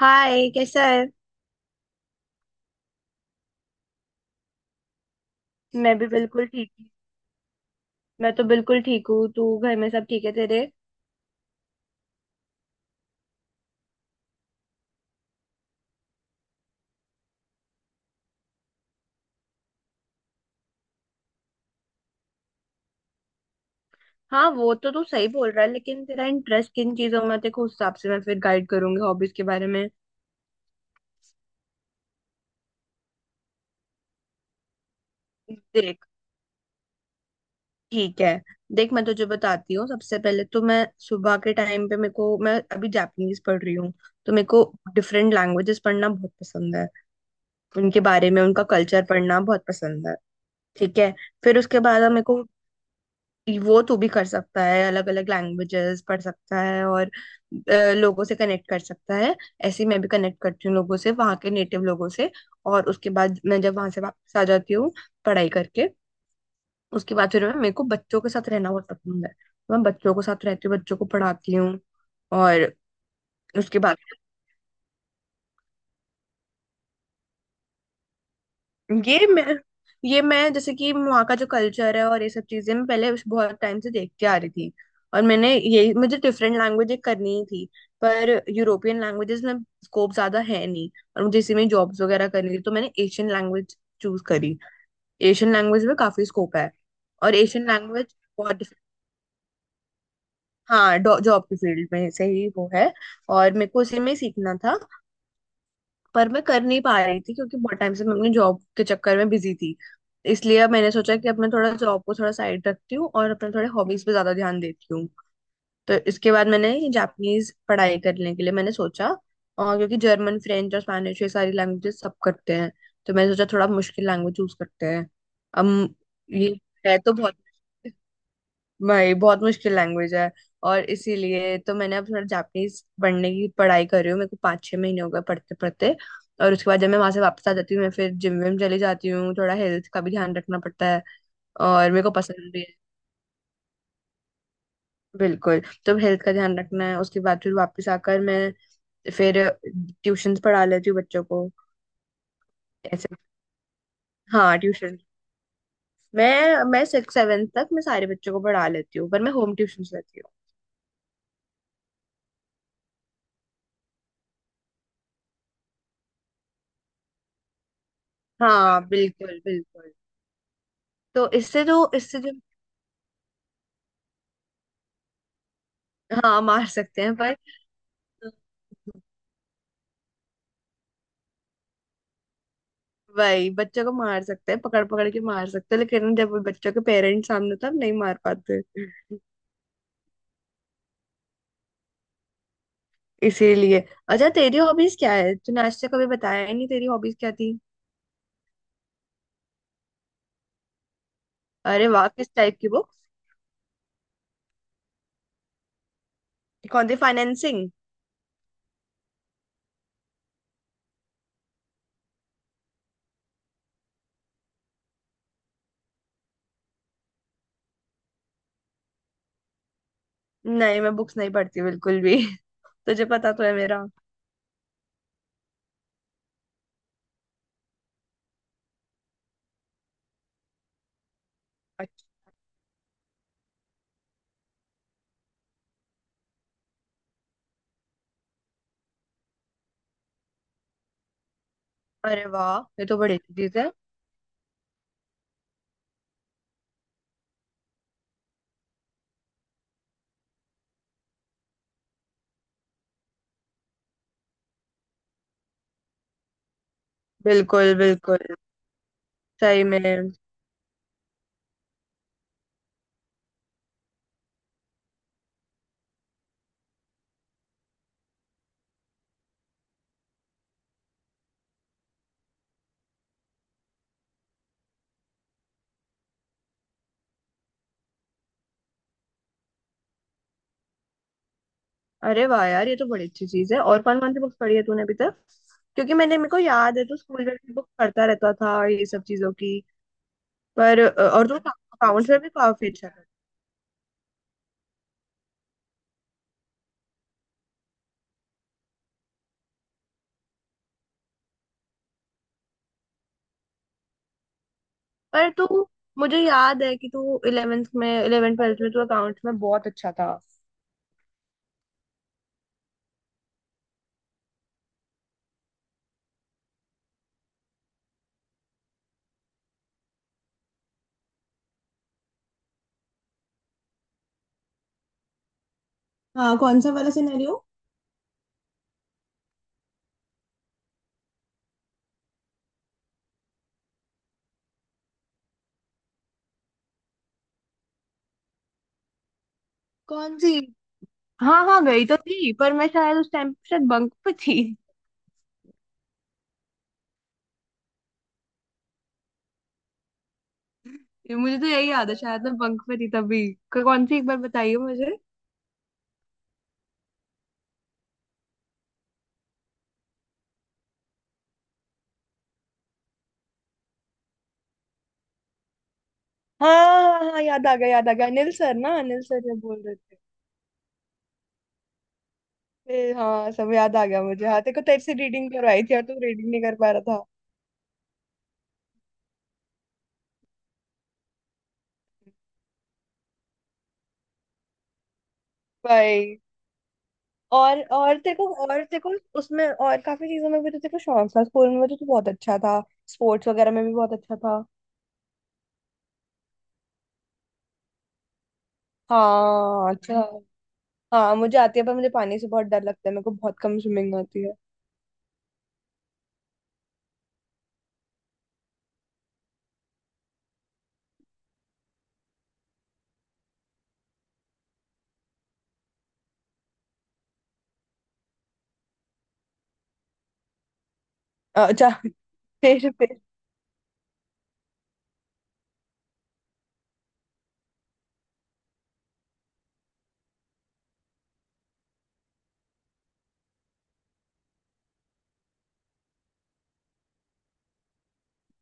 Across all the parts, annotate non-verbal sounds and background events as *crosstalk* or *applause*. हाय, कैसा है। मैं भी बिल्कुल ठीक हूँ। मैं तो बिल्कुल ठीक हूँ। तू घर में सब ठीक है तेरे। हाँ, वो तो तू सही बोल रहा है, लेकिन तेरा इंटरेस्ट किन चीजों में है, देखो उस हिसाब से मैं फिर गाइड करूंगी हॉबीज के बारे में। देख। ठीक है। देख, मैं तुझे बताती हूँ। सबसे पहले तो मैं सुबह के टाइम पे मेरे को मैं अभी जापानीज पढ़ रही हूँ। तो मेरे को डिफरेंट लैंग्वेजेस पढ़ना बहुत पसंद है। उनके बारे में उनका कल्चर पढ़ना बहुत पसंद है। ठीक है। फिर उसके बाद अब मेरे को वो तो भी कर सकता है, अलग अलग लैंग्वेजेस पढ़ सकता है और अ, लोगों से कनेक्ट कर सकता है। ऐसे ही मैं भी कनेक्ट करती हूँ लोगों से, वहाँ के नेटिव लोगों से। और उसके बाद मैं जब वहां से वापस आ जाती हूँ, पढ़ाई करके, उसके बाद फिर मैं मेरे को बच्चों के साथ रहना बहुत पसंद है। मैं बच्चों के साथ रहती हूँ, बच्चों को पढ़ाती हूँ। और उसके बाद ये मैं ये मैं जैसे कि वहाँ का जो कल्चर है, और ये सब चीजें मैं पहले उस बहुत टाइम से देखती आ रही थी। और मैंने, ये मुझे डिफरेंट लैंग्वेज करनी ही थी। पर यूरोपियन लैंग्वेजेस में स्कोप ज्यादा है नहीं। और मुझे इसी में जॉब्स वगैरह करनी थी, तो मैंने एशियन लैंग्वेज चूज करी। एशियन लैंग्वेज में काफी स्कोप है। और एशियन लैंग्वेज बहुत हाँ, जॉब की फील्ड में से ही वो है। और मेरे को उसी में ही सीखना था। पर मैं कर नहीं पा रही थी क्योंकि बहुत टाइम से मैं अपनी जॉब के चक्कर में बिजी थी। इसलिए अब मैंने सोचा कि अब मैं थोड़ा जॉब को थोड़ा साइड रखती हूँ, और अपने थोड़े हॉबीज पे ज्यादा ध्यान देती हूँ। तो इसके बाद मैंने, जापानीज पढ़ाई करने के लिए मैंने सोचा। और क्योंकि जर्मन, फ्रेंच और स्पेनिश, ये सारी लैंग्वेजेस सब करते हैं, तो मैंने सोचा थोड़ा मुश्किल लैंग्वेज चूज करते हैं। अब ये है तो बहुत, भाई बहुत मुश्किल लैंग्वेज है। और इसीलिए तो मैंने अब थोड़ा जापानीज पढ़ने की पढ़ाई कर रही हूँ। मेरे को 5 6 महीने हो गए पढ़ते पढ़ते। और उसके बाद जब मैं वहां से वापस आ जाती हूँ, मैं फिर जिम विम चली जाती हूँ। थोड़ा हेल्थ का भी ध्यान रखना पड़ता है, और मेरे को पसंद भी है। बिल्कुल, तो हेल्थ का ध्यान रखना है। उसके बाद फिर वापस आकर मैं फिर ट्यूशंस पढ़ा लेती हूँ बच्चों को। ऐसे। हाँ, ट्यूशन। मैं सिक्स सेवन तक मैं सारे बच्चों को पढ़ा लेती हूँ, पर मैं होम ट्यूशन लेती हूँ। हाँ, बिल्कुल बिल्कुल। तो इससे जो। हाँ, मार सकते हैं, पर वही बच्चों को मार सकते हैं, पकड़ पकड़ के मार सकते हैं, लेकिन जब वो बच्चों के पेरेंट्स सामने, तब नहीं मार पाते। इसीलिए। अच्छा, तेरी हॉबीज क्या है? तूने आज तक कभी बताया ही नहीं, तेरी हॉबीज क्या थी। अरे वाह, किस टाइप की बुक? कौन सी फाइनेंसिंग? नहीं, मैं बुक्स नहीं पढ़ती बिल्कुल भी *laughs* तुझे पता तो है मेरा। अच्छा। अरे वाह, ये तो बड़ी अच्छी चीज है। बिल्कुल बिल्कुल। सही में। अरे वाह यार, ये तो बड़ी अच्छी चीज है। और कौन कौन सी बुक्स पढ़ी है तूने अभी तक? क्योंकि मैंने, मेरे को याद है, तो स्कूल में भी बुक पढ़ता रहता था ये सब चीजों की। पर और तू अकाउंट्स में भी काफी अच्छा था। पर तू, मुझे याद है कि तू 11th 12th में तू अकाउंट्स में बहुत अच्छा था। हाँ, कौन सा वाला सिनेरियो? कौन सी? हाँ हाँ, गई तो थी पर मैं शायद उस टाइम शायद बंक पे थी। ये मुझे तो यही याद है, शायद मैं बंक पे थी तभी। कौन सी, एक बार बताइए मुझे। हाँ हाँ हाँ, याद आ गया, याद आ गया, अनिल सर ना, अनिल सर जब बोल रहे थे। हाँ, सब याद आ गया मुझे। हाँ, तेरे से रीडिंग करवाई थी और तू रीडिंग नहीं कर पा रहा था। भाई। और तेरे को उसमें और काफी चीजों में भी तो तेरे को शौक था। स्कूल में तो तू बहुत अच्छा था, स्पोर्ट्स वगैरह में भी बहुत अच्छा था। हाँ, अच्छा। हाँ, मुझे आती है पर मुझे पानी से बहुत डर लगता है, मेरे को बहुत कम स्विमिंग आती है। अच्छा *laughs* फिर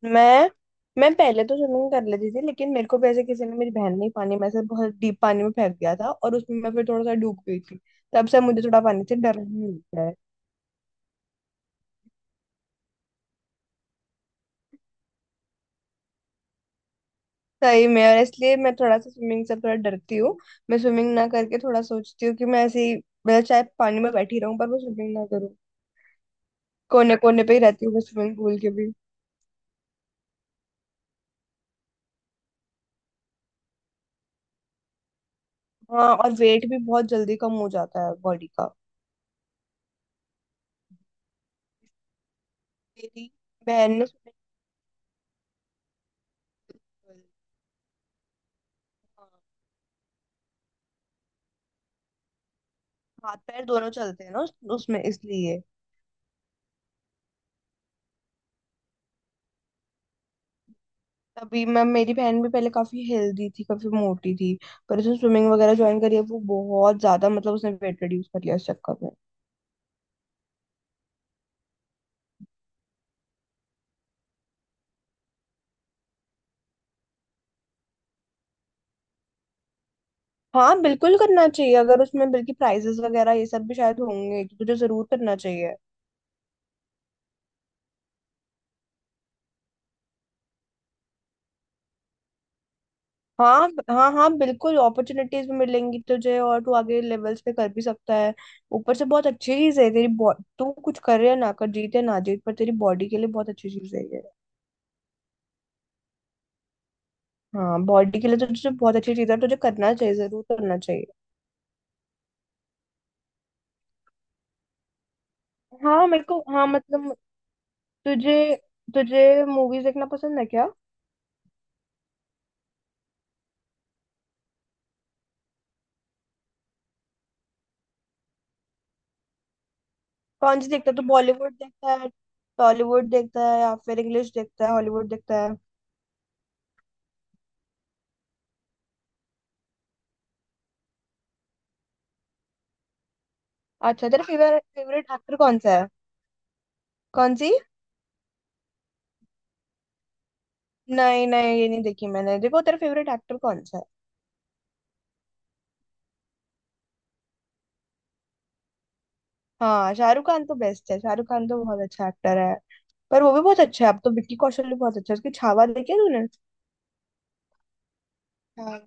मैं मैं पहले तो स्विमिंग कर लेती थी, लेकिन मेरे को भी ऐसे किसी ने, मेरी बहन ने ही पानी में से बहुत डीप पानी में फेंक दिया था, और उसमें मैं फिर थोड़ा सा डूब गई थी। तब से मुझे थोड़ा पानी से डर लगने लग गया। सही में, और इसलिए मैं थोड़ा सा स्विमिंग से थोड़ा डरती हूँ। मैं स्विमिंग ना करके थोड़ा सोचती हूँ कि मैं ऐसे ही, मतलब चाहे पानी में बैठी रहूं पर मैं स्विमिंग ना करूँ। कोने कोने पे ही रहती हूँ मैं स्विमिंग पूल के भी। हाँ, और वेट भी बहुत जल्दी कम हो जाता है बॉडी का। मेरी बहन ने pool- हाँ, हाथ पैर दोनों चलते हैं ना उसमें, इसलिए। तभी, मैं, मेरी बहन भी पहले काफी हेल्दी थी, काफी मोटी थी। पर उसने स्विमिंग वगैरह ज्वाइन करी है, वो बहुत ज्यादा, मतलब उसने वेट रिड्यूस कर लिया इस चक्कर में। हाँ, बिल्कुल करना चाहिए। अगर उसमें बल्कि प्राइजेस वगैरह ये सब भी शायद होंगे, तो तुझे जरूर करना चाहिए। हाँ हाँ हाँ, बिल्कुल, अपॉर्चुनिटीज भी मिलेंगी तुझे, और तू आगे लेवल्स पे कर भी सकता है। ऊपर से बहुत अच्छी चीज है तेरी तू कुछ कर या ना कर, जीते ना जीत, पर तेरी बॉडी के लिए बहुत अच्छी चीज है ये। हाँ, बॉडी के लिए तो तुझे बहुत अच्छी चीज है, तुझे करना चाहिए, जरूर करना चाहिए। हाँ, मेरे को, हाँ, मतलब तुझे तुझे मूवीज देखना पसंद है क्या? कौन सी देखता है, तो बॉलीवुड देखता है, टॉलीवुड देखता है, या फिर इंग्लिश देखता है, हॉलीवुड देखता है? अच्छा, तेरा फेवरेट फेवरेट एक्टर कौन सा है? कौन सी? नहीं नहीं, ये नहीं देखी मैंने, देखो तेरा फेवरेट एक्टर कौन सा है। हाँ, शाहरुख खान तो बेस्ट है, शाहरुख खान तो बहुत अच्छा एक्टर है। पर वो भी बहुत अच्छा है, अब तो विक्की कौशल भी बहुत अच्छा है। उसकी छावा देखी है तूने? हाँ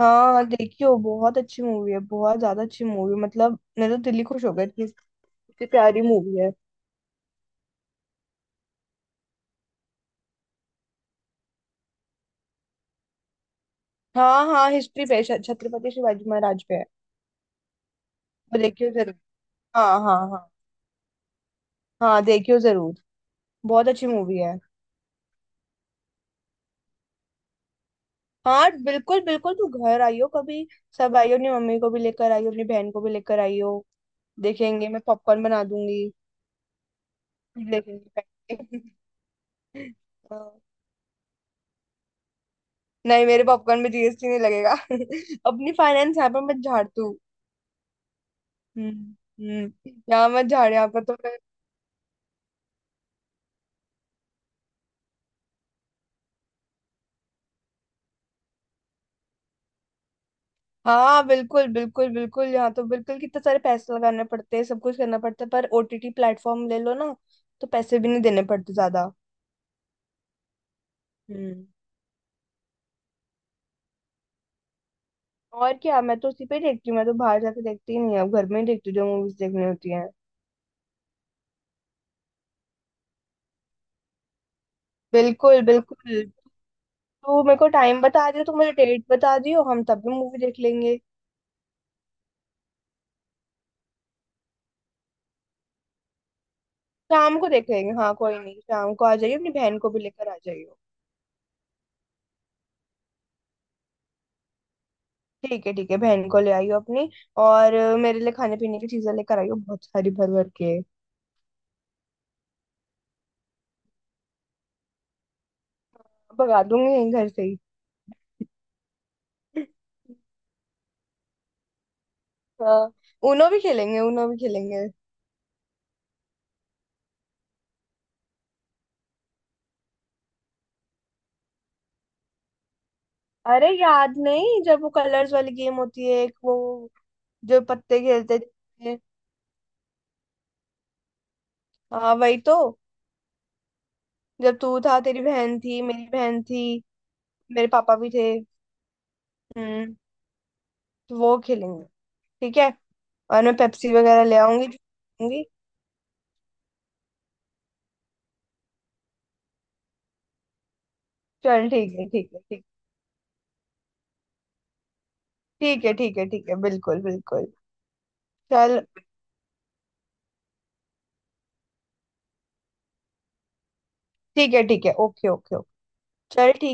हाँ, देखी हो, बहुत अच्छी मूवी है, बहुत ज्यादा अच्छी मूवी, मतलब मेरे तो दिल ही खुश हो गया, इतनी इतनी प्यारी मूवी है। हाँ हाँ, हिस्ट्री पे, छत्रपति शिवाजी महाराज पे है। वो देखियो। हाँ हाँ हाँ। हाँ, देखियो जरूर, बहुत अच्छी मूवी है। हाँ, बिल्कुल बिल्कुल, तू घर आइयो कभी। सब आइयो, अपनी मम्मी को भी लेकर आइयो, अपनी बहन को भी लेकर आइयो। देखेंगे, मैं पॉपकॉर्न बना दूंगी। देखेंगे बैठ के। *laughs* हाँ, नहीं, मेरे पॉपकॉर्न में जीएसटी नहीं लगेगा *laughs* अपनी फाइनेंस यहाँ पर मत झाड़ तू। हम्म। यहाँ मत झाड़, यहाँ पर तो मैं। हाँ बिल्कुल बिल्कुल बिल्कुल, यहाँ तो बिल्कुल कितने सारे पैसे लगाने पड़ते हैं, सब कुछ करना पड़ता है। पर ओटीटी प्लेटफॉर्म ले लो ना, तो पैसे भी नहीं देने पड़ते ज्यादा। हम्म। और क्या, मैं तो उसी पे देखती हूँ, मैं तो बाहर जाके देखती ही नहीं हूँ, अब घर में ही देखती हूँ जो मूवीज देखनी होती हैं। बिल्कुल बिल्कुल, तू मेरे को टाइम बता दियो, तू मुझे डेट बता दियो, हम तब भी मूवी देख लेंगे। शाम को देख लेंगे, हाँ, कोई नहीं, शाम को आ जाइयो, अपनी बहन को भी लेकर आ जाइयो। ठीक है ठीक है, बहन को ले आइयो अपनी। और मेरे लिए खाने पीने की चीजें लेकर आइयो, बहुत सारी भर भर के। भगा दूंगी यहीं घर से ही। *laughs* हाँ। उनो भी खेलेंगे, उनो भी खेलेंगे। अरे याद नहीं, जब वो कलर्स वाली गेम होती है, एक वो, जो पत्ते खेलते थे। हाँ, वही तो, जब तू था, तेरी बहन थी, मेरी बहन थी, मेरे पापा भी थे। हम्म। तो वो खेलेंगे। ठीक है। और मैं पेप्सी वगैरह ले आऊंगी जो खाऊंगी। चल, ठीक है ठीक है ठीक। ठीक है ठीक है ठीक है, बिल्कुल बिल्कुल। चल, ठीक है ठीक है, ओके ओके ओके। चल, ठीक।